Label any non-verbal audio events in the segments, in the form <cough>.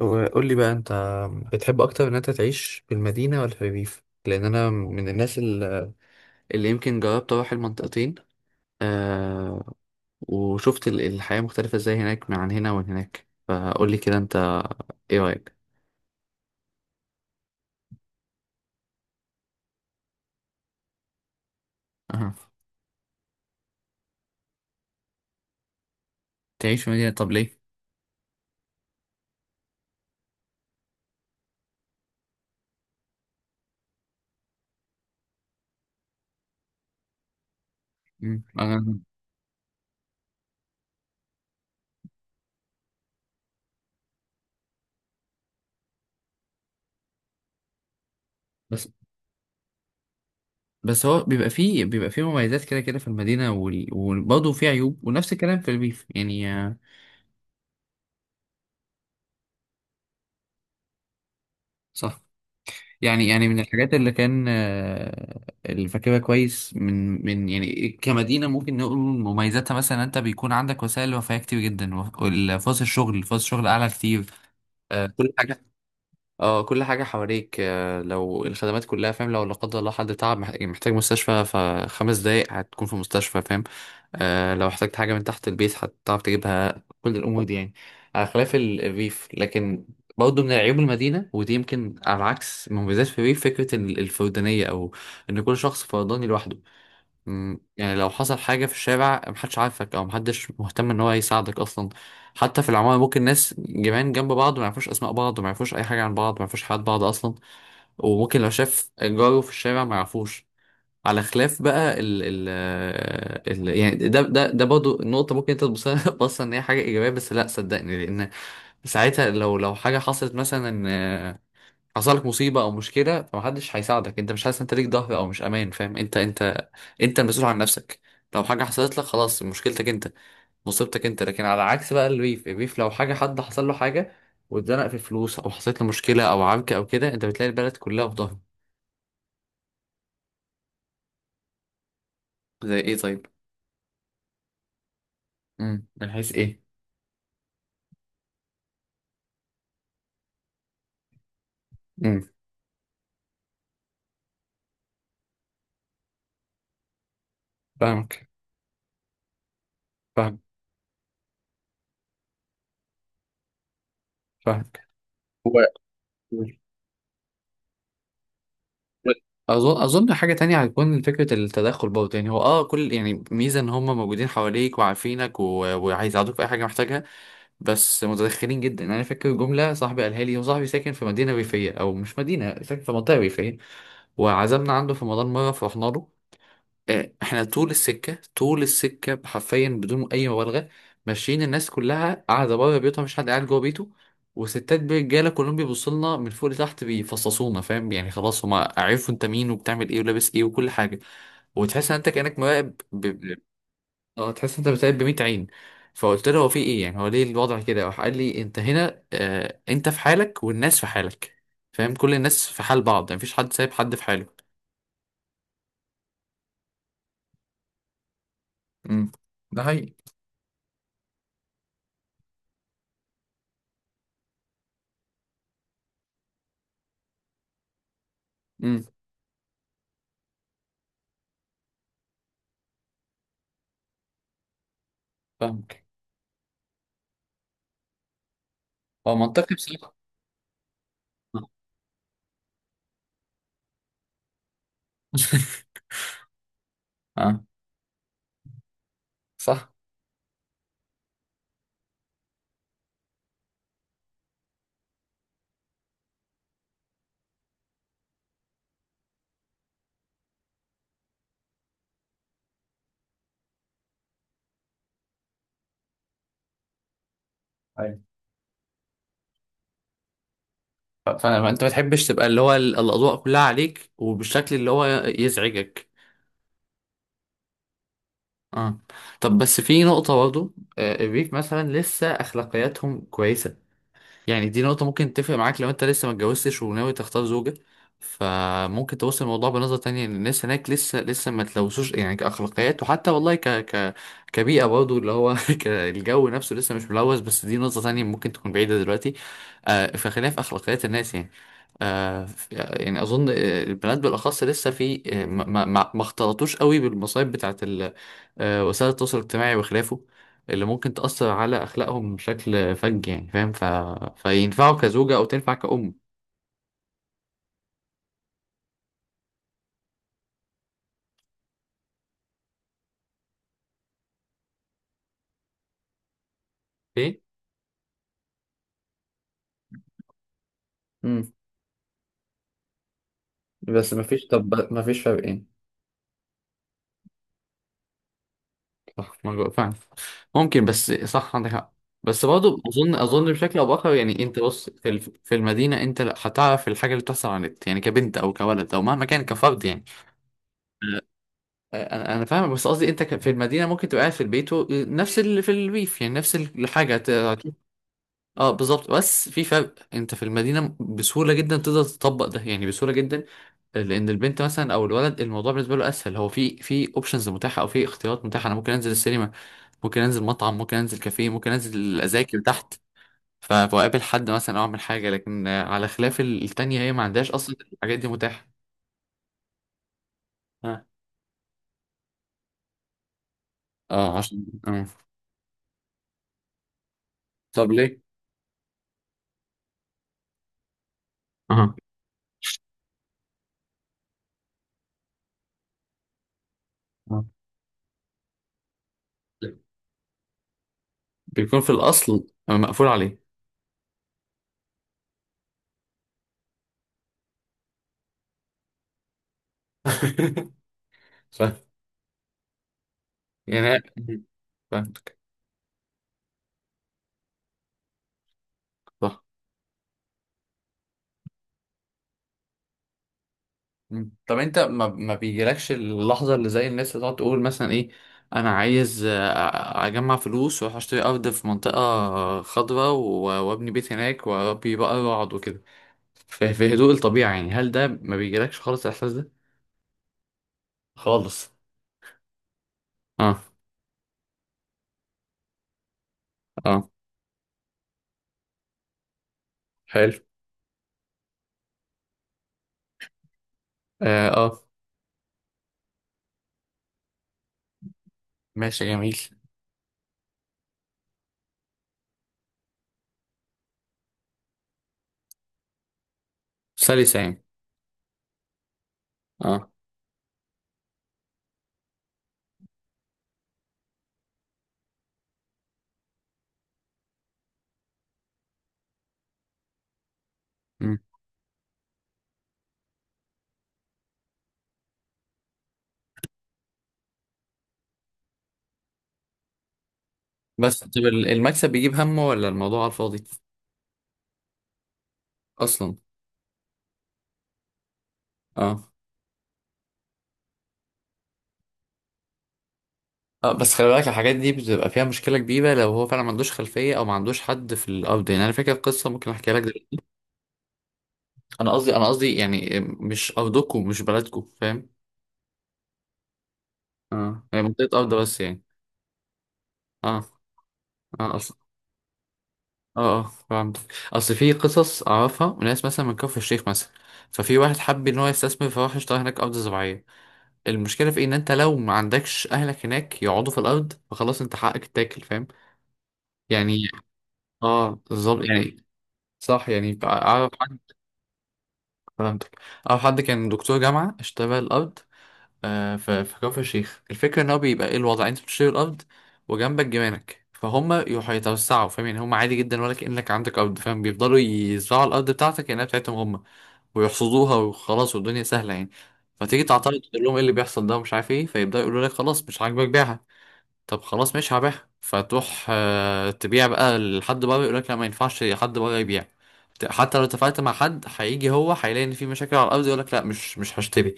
وقول لي بقى انت بتحب اكتر ان انت تعيش في المدينه ولا في الريف، لان انا من الناس اللي يمكن جربت اروح المنطقتين، آه، وشفت الحياه مختلفه ازاي هناك عن هنا، ومن هناك فقول لي كده انت ايه رايك؟ أها. تعيش في مدينه، طب ليه؟ مم. أنا بس بس هو بيبقى فيه مميزات كده كده في المدينه وبرضه فيه عيوب، ونفس الكلام في الريف يعني، صح. يعني يعني من الحاجات اللي كان اللي فاكرها كويس من من يعني كمدينة، ممكن نقول مميزاتها مثلا انت بيكون عندك وسائل رفاهية كتير جدا، والفرص الشغل، فرص الشغل اعلى كتير. كل حاجة، اه كل حاجة حواليك، لو الخدمات كلها فاهم، لو لا قدر الله حد تعب محتاج مستشفى، فخمس دقايق هتكون في مستشفى فاهم. آه، لو احتجت حاجة من تحت البيت هتعرف تجيبها، كل الأمور دي يعني، على خلاف الريف. لكن برضه من عيوب المدينة، ودي يمكن على عكس مميزات في الريف، فكرة الفردانية، أو إن كل شخص فرداني لوحده. مم، يعني لو حصل حاجة في الشارع، محدش عارفك أو محدش مهتم إن هو يساعدك أصلا. حتى في العمارة، ممكن ناس جيران جنب بعض ما يعرفوش أسماء بعض، ما يعرفوش أي حاجة عن بعض، ما يعرفوش حياة بعض أصلا. وممكن لو شاف جاره في الشارع ما يعرفوش. على خلاف بقى ال ال ال يعني، ده ده ده برضه نقطة ممكن أنت تبصها <laughs> بص إن هي حاجة إيجابية، بس لأ صدقني، لأن ساعتها لو حاجة حصلت مثلا، حصل لك مصيبه او مشكله، فمحدش هيساعدك، انت مش حاسس انت ليك ظهر او مش امان فاهم، انت انت المسؤول عن نفسك. لو حاجه حصلت لك خلاص، مشكلتك انت، مصيبتك انت. لكن على عكس بقى الريف، الريف لو حاجه حد حصل له حاجه، واتزنق في فلوس او حصلت له مشكله او عركه او كده، انت بتلاقي البلد كلها في ظهره. زي ايه طيب؟ امم، من حيث ايه؟ امم. فاهمك. فاهم. فاهمك. هو اظن حاجه تانية هتكون فكره التدخل برضه، يعني هو اه كل، يعني ميزه ان هم موجودين حواليك وعارفينك وهيساعدوك في اي حاجه محتاجها، بس متدخلين جدا. انا فاكر جمله صاحبي قالها لي، هو صاحبي ساكن في مدينه ريفيه، او مش مدينه، ساكن في منطقه ريفيه، وعزمنا عنده في رمضان مره فرحنا له. احنا طول السكة حرفيا بدون أي مبالغة، ماشيين، الناس كلها قاعدة بره بيوتها، مش حد قاعد جوه بيته، وستات برجالة كلهم بيبصوا لنا من فوق لتحت، بيفصصونا فاهم يعني، خلاص هما عرفوا انت مين وبتعمل ايه ولابس ايه وكل حاجة، وتحس ان انت كأنك مراقب اه، تحس ان انت بتراقب بمية عين. فقلت له هو في ايه يعني، هو ليه الوضع كده؟ راح قال لي، انت هنا آه، انت في حالك والناس في حالك فاهم، كل الناس في حال بعض يعني، مفيش حد سايب حد في حاله. امم. ده حقيقي. امم. فاهم. هو منطقي بصراحة. <laughs> اه، صح. أيوة. فما انت ما تحبش تبقى اللي هو الاضواء كلها عليك، وبالشكل اللي هو يزعجك. اه. طب بس في نقطة برضه، الريف مثلا لسه اخلاقياتهم كويسة، يعني دي نقطة ممكن تفرق معاك لو انت لسه ما اتجوزتش وناوي تختار زوجة، فممكن توصل الموضوع بنظرة تانية، ان الناس هناك لسه ما تلوثوش يعني كأخلاقيات، وحتى والله ك كبيئة برضه اللي هو، <laughs> الجو نفسه لسه مش ملوث، بس دي نقطة تانية ممكن تكون بعيدة دلوقتي. آه، فخلينا في أخلاقيات الناس يعني. آه، يعني أظن، البنات بالأخص لسه في آه، ما اختلطوش قوي بالمصايب بتاعت آه، وسائل التواصل الاجتماعي وخلافه، اللي ممكن تأثر على أخلاقهم بشكل فج يعني فاهم. فينفعوا كزوجة أو تنفع كأم. إيه؟ امم. بس مفيش، طب مفيش فرقين؟ صح. ما جو- فعلا ممكن، بس صح عندك حق. بس برضه أظن بشكل أو بآخر يعني، أنت بص في المدينة أنت لا، هتعرف الحاجة اللي بتحصل على النت يعني، كبنت أو كولد أو مهما كان كفرد يعني. انا فاهمك، بس قصدي انت في المدينه ممكن تبقى قاعد في البيت نفس اللي في الريف، يعني نفس الحاجه. اه بالظبط، بس في فرق، انت في المدينه بسهوله جدا تقدر تطبق ده، يعني بسهوله جدا. لان البنت مثلا او الولد، الموضوع بالنسبه له اسهل، هو في اوبشنز متاحه او في اختيارات متاحه، انا ممكن انزل السينما، ممكن انزل مطعم، ممكن انزل كافيه، ممكن انزل اذاكر تحت، فاقابل حد مثلا او اعمل حاجه. لكن على خلاف التانية هي ما عندهاش اصلا الحاجات دي متاحه. اه. اه، عشان آه. طب ليه؟ اها. آه. بيكون في الاصل مقفول عليه. <laughs> ف يعني، فاهمك. صح. مم. طب انت ما, ما بيجيلكش اللحظة اللي زي الناس اللي تقعد تقول مثلا ايه، انا عايز اجمع فلوس واروح اشتري ارض في منطقة خضراء وابني بيت هناك واربي بقى واقعد وكده، في هدوء الطبيعة يعني؟ هل ده ما بيجيلكش خالص الاحساس ده؟ خالص؟ اه. اه. حلو. اه اه. ماشي جميل. سلسة يعني. اه. مم. بس طب المكسب بيجيب همه ولا الموضوع على الفاضي؟ اصلا. اه. اه بس خلي بالك، الحاجات دي بتبقى فيها مشكلة كبيرة لو هو فعلا ما عندوش خلفية او ما عندوش حد في الارض. يعني انا فاكر قصة ممكن احكيها لك دلوقتي. انا قصدي يعني مش ارضكم مش بلدكم فاهم. اه، هي منطقة ارض بس يعني. اه اه اصل، اه اه، فهمت. اصل في قصص اعرفها، ناس مثلا من كفر الشيخ مثلا، ففي واحد حب ان هو يستثمر، فراح اشترى هناك ارض زراعية. المشكلة في إيه؟ ان انت لو ما عندكش اهلك هناك يقعدوا في الارض، فخلاص انت حقك تاكل فاهم يعني. اه بالظبط يعني. صح يعني، اعرف. فهمتك. او حد كان دكتور جامعه اشترى الارض في كفر الشيخ، الفكره ان هو بيبقى ايه الوضع، انت بتشتري الارض وجنبك جيرانك، فهم يروحوا يتوسعوا فاهم يعني، هم عادي جدا ولا كانك عندك ارض فاهم، بيفضلوا يزرعوا الارض بتاعتك كانها بتاعتهم هم ويحصدوها وخلاص، والدنيا سهله يعني. فتيجي، مم، تعترض تقول لهم ايه اللي بيحصل ده ومش عارف ايه، فيبداوا يقولوا لك خلاص مش عاجبك بيعها. طب خلاص مش هبيعها، فتروح تبيع بقى لحد بره، يقولك لا ما ينفعش حد بره يبيع، حتى لو اتفقت مع حد هيجي هو هيلاقي ان في مشاكل على الارض، يقولك لا مش هشتري.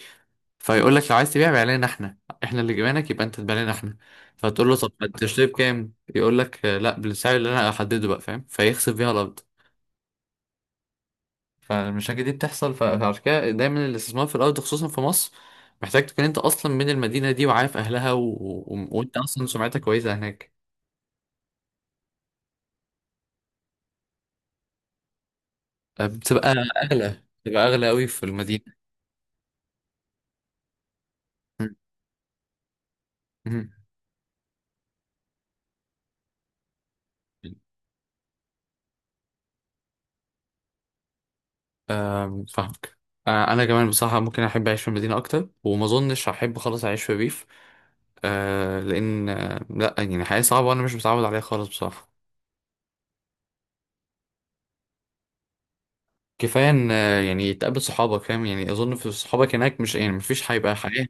فيقولك لو عايز تبيع بيع لنا احنا، احنا اللي جبناك يبقى انت تبيع لنا احنا. فتقول له طب هتشتري <laughs> بكام؟ يقولك لا بالسعر اللي انا احدده بقى فاهم، فيخسف بيها الارض. فالمشاكل دي بتحصل، فعشان كده دايما الاستثمار في الارض خصوصا في مصر، محتاج تكون انت اصلا من المدينه دي وعارف اهلها وانت اصلا سمعتك كويسه هناك. بتبقى أغلى، بتبقى أغلى أوي في المدينة. مم. مم. آم، فاهمك. أنا كمان بصراحة ممكن أحب أعيش في المدينة أكتر، وما أظنش هحب خلاص أعيش في ريف. لأن آه، لأ يعني حياة صعبة وأنا مش متعود عليها خالص بصراحة. كفاية إن يعني تقابل صحابك فاهم يعني، أظن في صحابك هناك مش، يعني مفيش هيبقى حياة.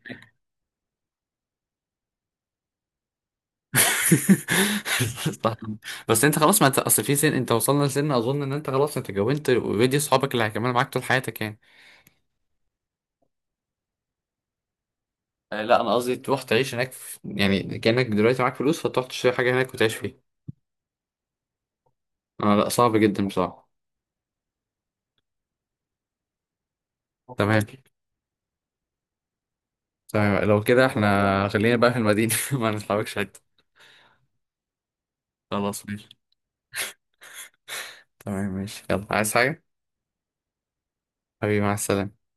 <laughs> طبعاً. بس أنت خلاص، ما أنت أصل في سن، أنت وصلنا لسن أظن إن أنت خلاص أنت اتجوزت أوريدي صحابك اللي هيكملوا معاك طول حياتك يعني. لا انا قصدي تروح تعيش هناك يعني كأنك دلوقتي معاك فلوس، فتروح تشتري حاجة هناك وتعيش فيها. آه لا، صعب جدا بصراحة. تمام. تمام، لو كده احنا خلينا بقى في المدينة <laughs> ما نتحركش حتة. خلاص ماشي. تمام ماشي، يلا عايز حاجة؟ حبيبي مع السلامة.